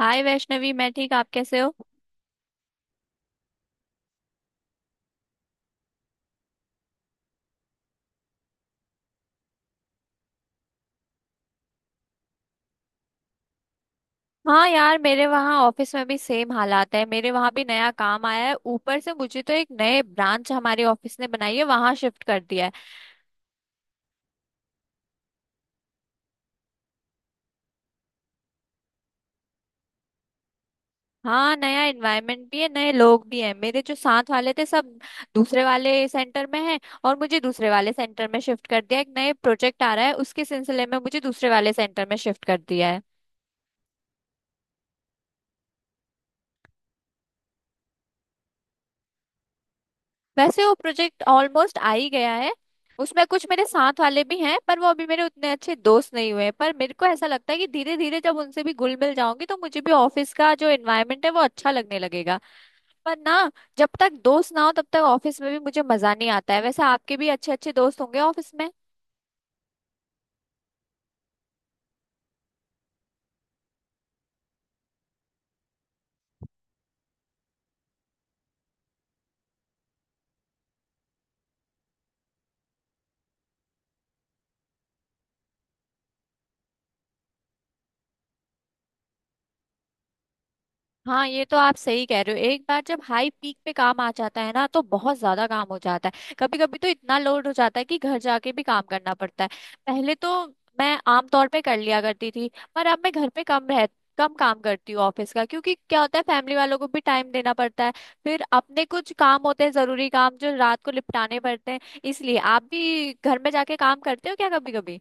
हाय वैष्णवी, मैं ठीक। आप कैसे हो? हाँ यार, मेरे वहाँ ऑफिस में भी सेम हालात है। मेरे वहाँ भी नया काम आया है। ऊपर से मुझे तो एक नए ब्रांच हमारे ऑफिस ने बनाई है, वहाँ शिफ्ट कर दिया है। हाँ, नया एनवायरनमेंट भी है, नए लोग भी हैं। मेरे जो साथ वाले थे, सब दूसरे वाले सेंटर में हैं। और मुझे दूसरे वाले सेंटर में शिफ्ट कर दिया। एक नए प्रोजेक्ट आ रहा है, उसके सिलसिले में मुझे दूसरे वाले सेंटर में शिफ्ट कर दिया है। वैसे वो प्रोजेक्ट ऑलमोस्ट आ ही गया है। उसमें कुछ मेरे साथ वाले भी हैं, पर वो अभी मेरे उतने अच्छे दोस्त नहीं हुए हैं। पर मेरे को ऐसा लगता है कि धीरे धीरे जब उनसे भी घुल मिल जाऊंगी, तो मुझे भी ऑफिस का जो एनवायरनमेंट है वो अच्छा लगने लगेगा। पर ना, जब तक दोस्त ना हो तब तक ऑफिस में भी मुझे मजा नहीं आता है। वैसे आपके भी अच्छे अच्छे दोस्त होंगे ऑफिस में। हाँ, ये तो आप सही कह रहे हो। एक बार जब हाई पीक पे काम आ जाता है ना, तो बहुत ज्यादा काम हो जाता है। कभी कभी तो इतना लोड हो जाता है कि घर जाके भी काम करना पड़ता है। पहले तो मैं आमतौर पे कर लिया करती थी, पर अब मैं घर पे कम रह कम काम करती हूँ ऑफिस का, क्योंकि क्या होता है, फैमिली वालों को भी टाइम देना पड़ता है। फिर अपने कुछ काम होते हैं, जरूरी काम जो रात को निपटाने पड़ते हैं। इसलिए आप भी घर में जाके काम करते हो क्या कभी कभी?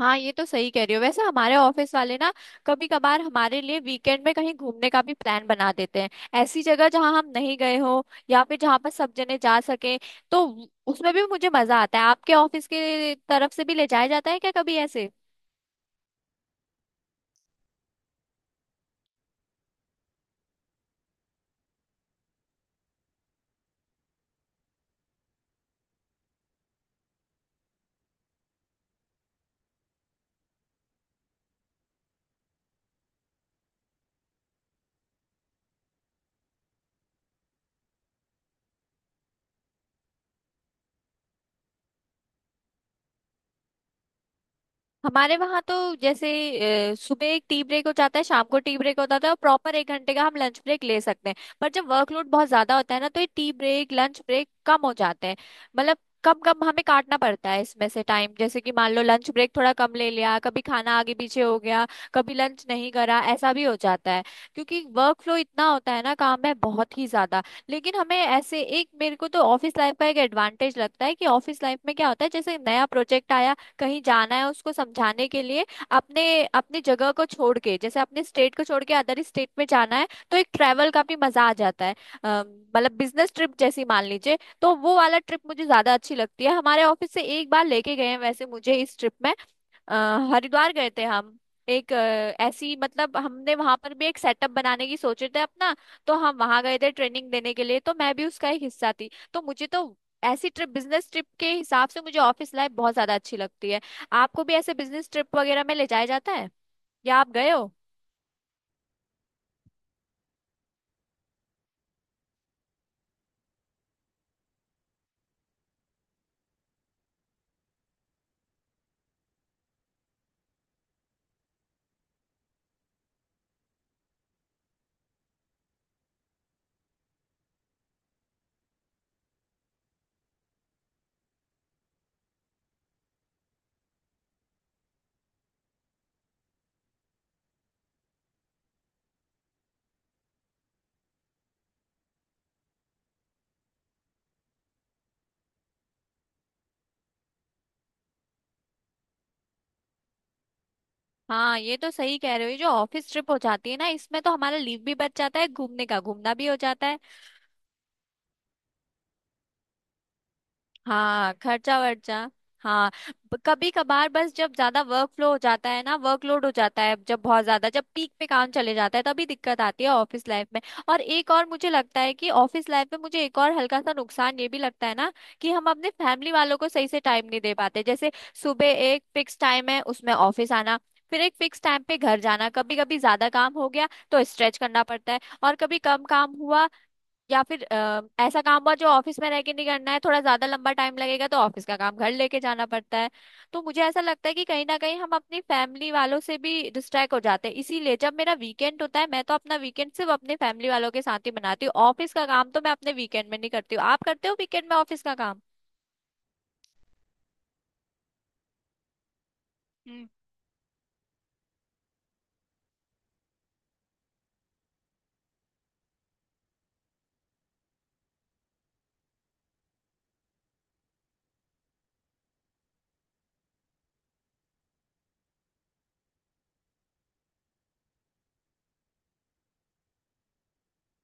हाँ, ये तो सही कह रही हो। वैसे हमारे ऑफिस वाले ना, कभी कभार हमारे लिए वीकेंड में कहीं घूमने का भी प्लान बना देते हैं। ऐसी जगह जहाँ हम नहीं गए हो, या फिर जहाँ पर सब जने जा सके। तो उसमें भी मुझे मजा आता है। आपके ऑफिस के तरफ से भी ले जाया जाता है क्या कभी ऐसे? हमारे वहां तो जैसे, सुबह एक टी ब्रेक हो जाता है, शाम को टी ब्रेक हो जाता है, और प्रॉपर एक घंटे का हम लंच ब्रेक ले सकते हैं। पर जब वर्कलोड बहुत ज्यादा होता है ना, तो ये टी ब्रेक लंच ब्रेक कम हो जाते हैं। मतलब कम कम हमें काटना पड़ता है इसमें से टाइम। जैसे कि मान लो लंच ब्रेक थोड़ा कम ले लिया, कभी खाना आगे पीछे हो गया, कभी लंच नहीं करा, ऐसा भी हो जाता है। क्योंकि वर्क फ्लो इतना होता है ना, काम है बहुत ही ज्यादा। लेकिन हमें ऐसे एक, मेरे को तो ऑफिस लाइफ का एक एडवांटेज लगता है कि ऑफिस लाइफ में क्या होता है, जैसे नया प्रोजेक्ट आया, कहीं जाना है उसको समझाने के लिए, अपने अपनी जगह को छोड़ के, जैसे अपने स्टेट को छोड़ के अदर स्टेट में जाना है, तो एक ट्रैवल का भी मजा आ जाता है। अ, मतलब बिजनेस ट्रिप जैसी मान लीजिए, तो वो वाला ट्रिप मुझे ज्यादा अच्छी लगती है। हमारे ऑफिस से एक बार लेके गए हैं वैसे मुझे। इस ट्रिप में अ, हरिद्वार गए थे हम। एक अ, ऐसी, मतलब हमने वहां पर भी एक सेटअप बनाने की सोचे थे अपना, तो हम वहां गए थे ट्रेनिंग देने के लिए। तो मैं भी उसका एक हिस्सा थी। तो मुझे तो ऐसी ट्रिप, बिजनेस ट्रिप के हिसाब से मुझे ऑफिस लाइफ बहुत ज्यादा अच्छी लगती है। आपको भी ऐसे बिजनेस ट्रिप वगैरह में ले जाया जाता है या आप गए हो? हाँ, ये तो सही कह रहे हो। ये जो ऑफिस ट्रिप हो जाती है ना, इसमें तो हमारा लीव भी बच जाता है, घूमने का घूमना भी हो जाता है। हाँ, खर्चा वर्चा। हाँ, कभी कभार बस जब ज्यादा वर्कफ्लो हो जाता है ना, वर्कलोड हो जाता है जब बहुत ज्यादा, जब पीक पे काम चले जाता है, तभी दिक्कत आती है ऑफिस लाइफ में। और एक और मुझे लगता है कि ऑफिस लाइफ में मुझे एक और हल्का सा नुकसान ये भी लगता है ना, कि हम अपने फैमिली वालों को सही से टाइम नहीं दे पाते। जैसे सुबह एक फिक्स टाइम है उसमें ऑफिस आना, फिर एक फिक्स टाइम पे घर जाना। कभी कभी ज्यादा काम हो गया तो स्ट्रेच करना पड़ता है, और कभी कम काम हुआ या फिर ऐसा काम हुआ जो ऑफिस में रह के नहीं करना है, थोड़ा ज्यादा लंबा टाइम लगेगा, तो ऑफिस का काम घर लेके जाना पड़ता है। तो मुझे ऐसा लगता है कि कहीं ना कहीं हम अपनी फैमिली वालों से भी डिस्ट्रैक्ट हो जाते हैं। इसीलिए जब मेरा वीकेंड होता है, मैं तो अपना वीकेंड सिर्फ अपने फैमिली वालों के साथ ही मनाती हूँ। ऑफिस का काम तो मैं अपने वीकेंड में नहीं करती हूँ। आप करते हो वीकेंड में ऑफिस का काम?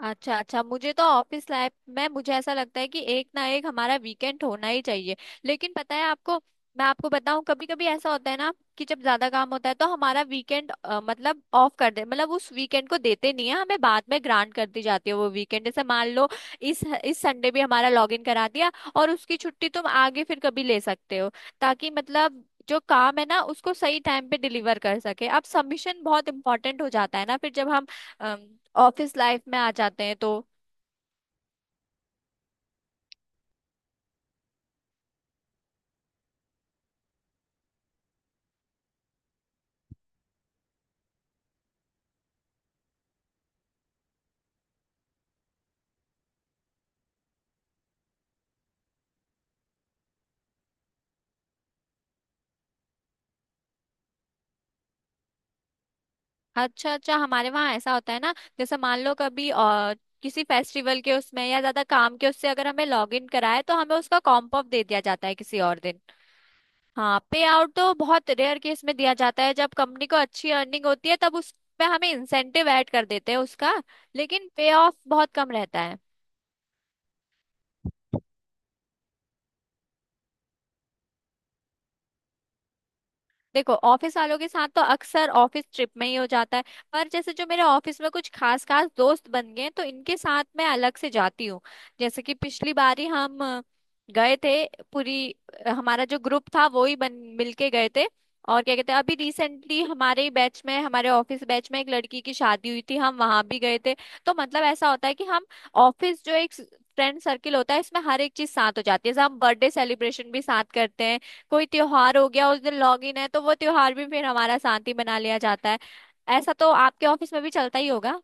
अच्छा अच्छा। मुझे तो ऑफिस लाइफ में मुझे ऐसा लगता है कि एक ना एक हमारा वीकेंड होना ही चाहिए। लेकिन पता है आपको, मैं आपको बताऊं, कभी कभी ऐसा होता है ना, कि जब ज्यादा काम होता है तो हमारा वीकेंड मतलब ऑफ कर दे, मतलब उस वीकेंड को देते नहीं है हमें, बाद में ग्रांट कर दी जाती है वो वीकेंड। जैसे मान लो इस संडे भी हमारा लॉग इन करा दिया, और उसकी छुट्टी तुम आगे फिर कभी ले सकते हो, ताकि मतलब जो काम है ना उसको सही टाइम पे डिलीवर कर सके। अब सबमिशन बहुत इंपॉर्टेंट हो जाता है ना फिर, जब हम ऑफिस लाइफ में आ जाते हैं तो। अच्छा अच्छा। हमारे वहाँ ऐसा होता है ना, जैसे मान लो कभी किसी फेस्टिवल के उसमें या ज्यादा काम के उससे अगर हमें लॉग इन कराए, तो हमें उसका कॉम्प ऑफ दे दिया जाता है किसी और दिन। हाँ, पे आउट तो बहुत रेयर केस में दिया जाता है, जब कंपनी को अच्छी अर्निंग होती है तब उसमें हमें इंसेंटिव ऐड कर देते हैं उसका। लेकिन पे ऑफ बहुत कम रहता है। देखो, ऑफिस वालों के साथ तो अक्सर ऑफिस ट्रिप में ही हो जाता है। पर जैसे जो मेरे ऑफिस में कुछ खास खास दोस्त बन गए हैं, तो इनके साथ मैं अलग से जाती हूँ। जैसे कि पिछली बारी हम गए थे, पूरी हमारा जो ग्रुप था वो ही बन मिलके गए थे। और क्या कहते हैं, अभी रिसेंटली हमारे ही बैच में, हमारे ऑफिस बैच में एक लड़की की शादी हुई थी, हम वहां भी गए थे। तो मतलब ऐसा होता है कि हम ऑफिस जो एक फ्रेंड सर्किल होता है, इसमें हर एक चीज साथ हो जाती है। जैसे हम बर्थडे सेलिब्रेशन भी साथ करते हैं। कोई त्योहार हो गया, उस दिन लॉग इन है, तो वो त्योहार भी फिर हमारा साथ ही मना लिया जाता है। ऐसा तो आपके ऑफिस में भी चलता ही होगा।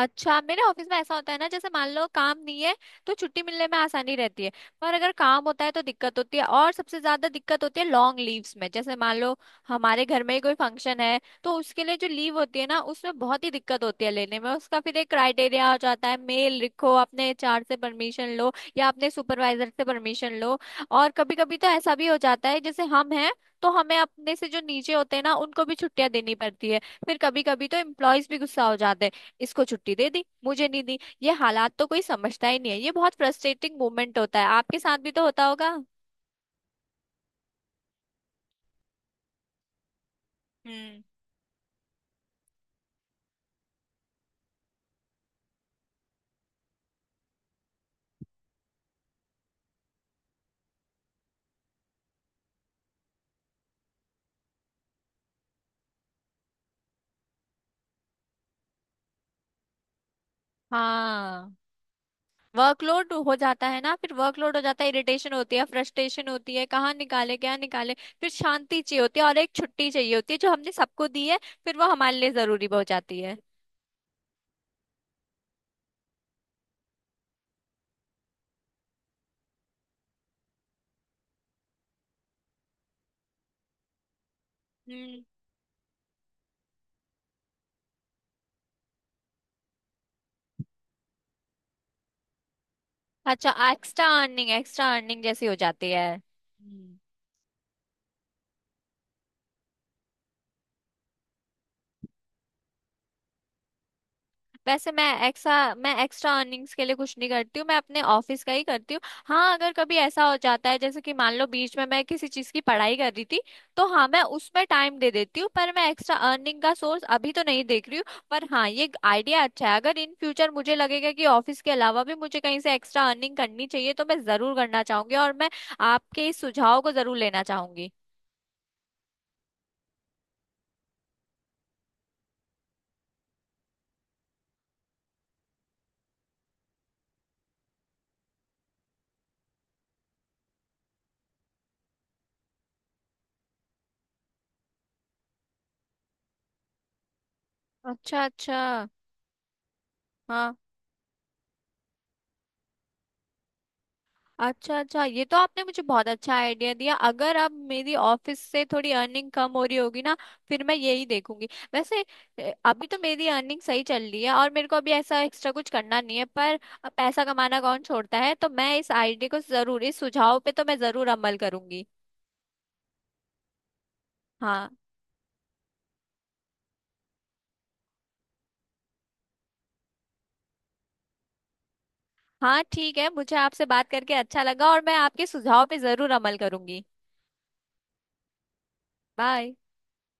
अच्छा, मेरे ऑफिस में ऐसा होता है ना, जैसे मान लो काम नहीं है तो छुट्टी मिलने में आसानी रहती है। पर अगर काम होता है तो दिक्कत होती है। और सबसे ज्यादा दिक्कत होती है लॉन्ग लीव्स में। जैसे मान लो हमारे घर में ही कोई फंक्शन है, तो उसके लिए जो लीव होती है ना उसमें बहुत ही दिक्कत होती है लेने में। उसका फिर एक क्राइटेरिया हो जाता है, मेल लिखो अपने एचआर से परमिशन लो या अपने सुपरवाइजर से परमिशन लो। और कभी कभी तो ऐसा भी हो जाता है, जैसे हम हैं तो हमें अपने से जो नीचे होते हैं ना उनको भी छुट्टियां देनी पड़ती है। फिर कभी कभी तो एम्प्लॉयज भी गुस्सा हो जाते हैं, इसको छुट्टी दे दी मुझे नहीं दी। ये हालात तो कोई समझता ही नहीं है। ये बहुत फ्रस्ट्रेटिंग मोमेंट होता है, आपके साथ भी तो होता होगा। हम्म, हाँ, वर्कलोड हो जाता है ना, फिर वर्कलोड हो जाता है, इरिटेशन होती है, फ्रस्ट्रेशन होती है, कहाँ निकाले क्या निकाले। फिर शांति चाहिए होती है, और एक छुट्टी चाहिए होती है जो हमने सबको दी है, फिर वो हमारे लिए जरूरी भी हो जाती है। हम्म। अच्छा, एक्स्ट्रा अर्निंग, एक्स्ट्रा अर्निंग जैसी हो जाती है। हम्म। वैसे मैं एक्सा मैं एक्स्ट्रा अर्निंग्स के लिए कुछ नहीं करती हूँ, मैं अपने ऑफिस का ही करती हूँ। हाँ, अगर कभी ऐसा हो जाता है जैसे कि मान लो बीच में मैं किसी चीज की पढ़ाई कर रही थी, तो हाँ मैं उसमें टाइम दे देती हूँ। पर मैं एक्स्ट्रा अर्निंग का सोर्स अभी तो नहीं देख रही हूँ। पर हाँ, ये आइडिया अच्छा है। अगर इन फ्यूचर मुझे लगेगा कि ऑफिस के अलावा भी मुझे कहीं से एक्स्ट्रा अर्निंग करनी चाहिए, तो मैं जरूर करना चाहूंगी, और मैं आपके इस सुझाव को जरूर लेना चाहूंगी। अच्छा अच्छा। हाँ। अच्छा अच्छा, ये तो आपने मुझे बहुत अच्छा आइडिया दिया। अगर अब मेरी ऑफिस से थोड़ी अर्निंग कम हो रही होगी ना, फिर मैं यही देखूंगी। वैसे अभी तो मेरी अर्निंग सही चल रही है, और मेरे को अभी ऐसा एक्स्ट्रा कुछ करना नहीं है। पर अब पैसा कमाना कौन छोड़ता है, तो मैं इस आइडिया को जरूर, इस सुझाव पे तो मैं जरूर अमल करूंगी। हाँ। हाँ ठीक है, मुझे आपसे बात करके अच्छा लगा, और मैं आपके सुझाव पे जरूर अमल करूंगी। बाय।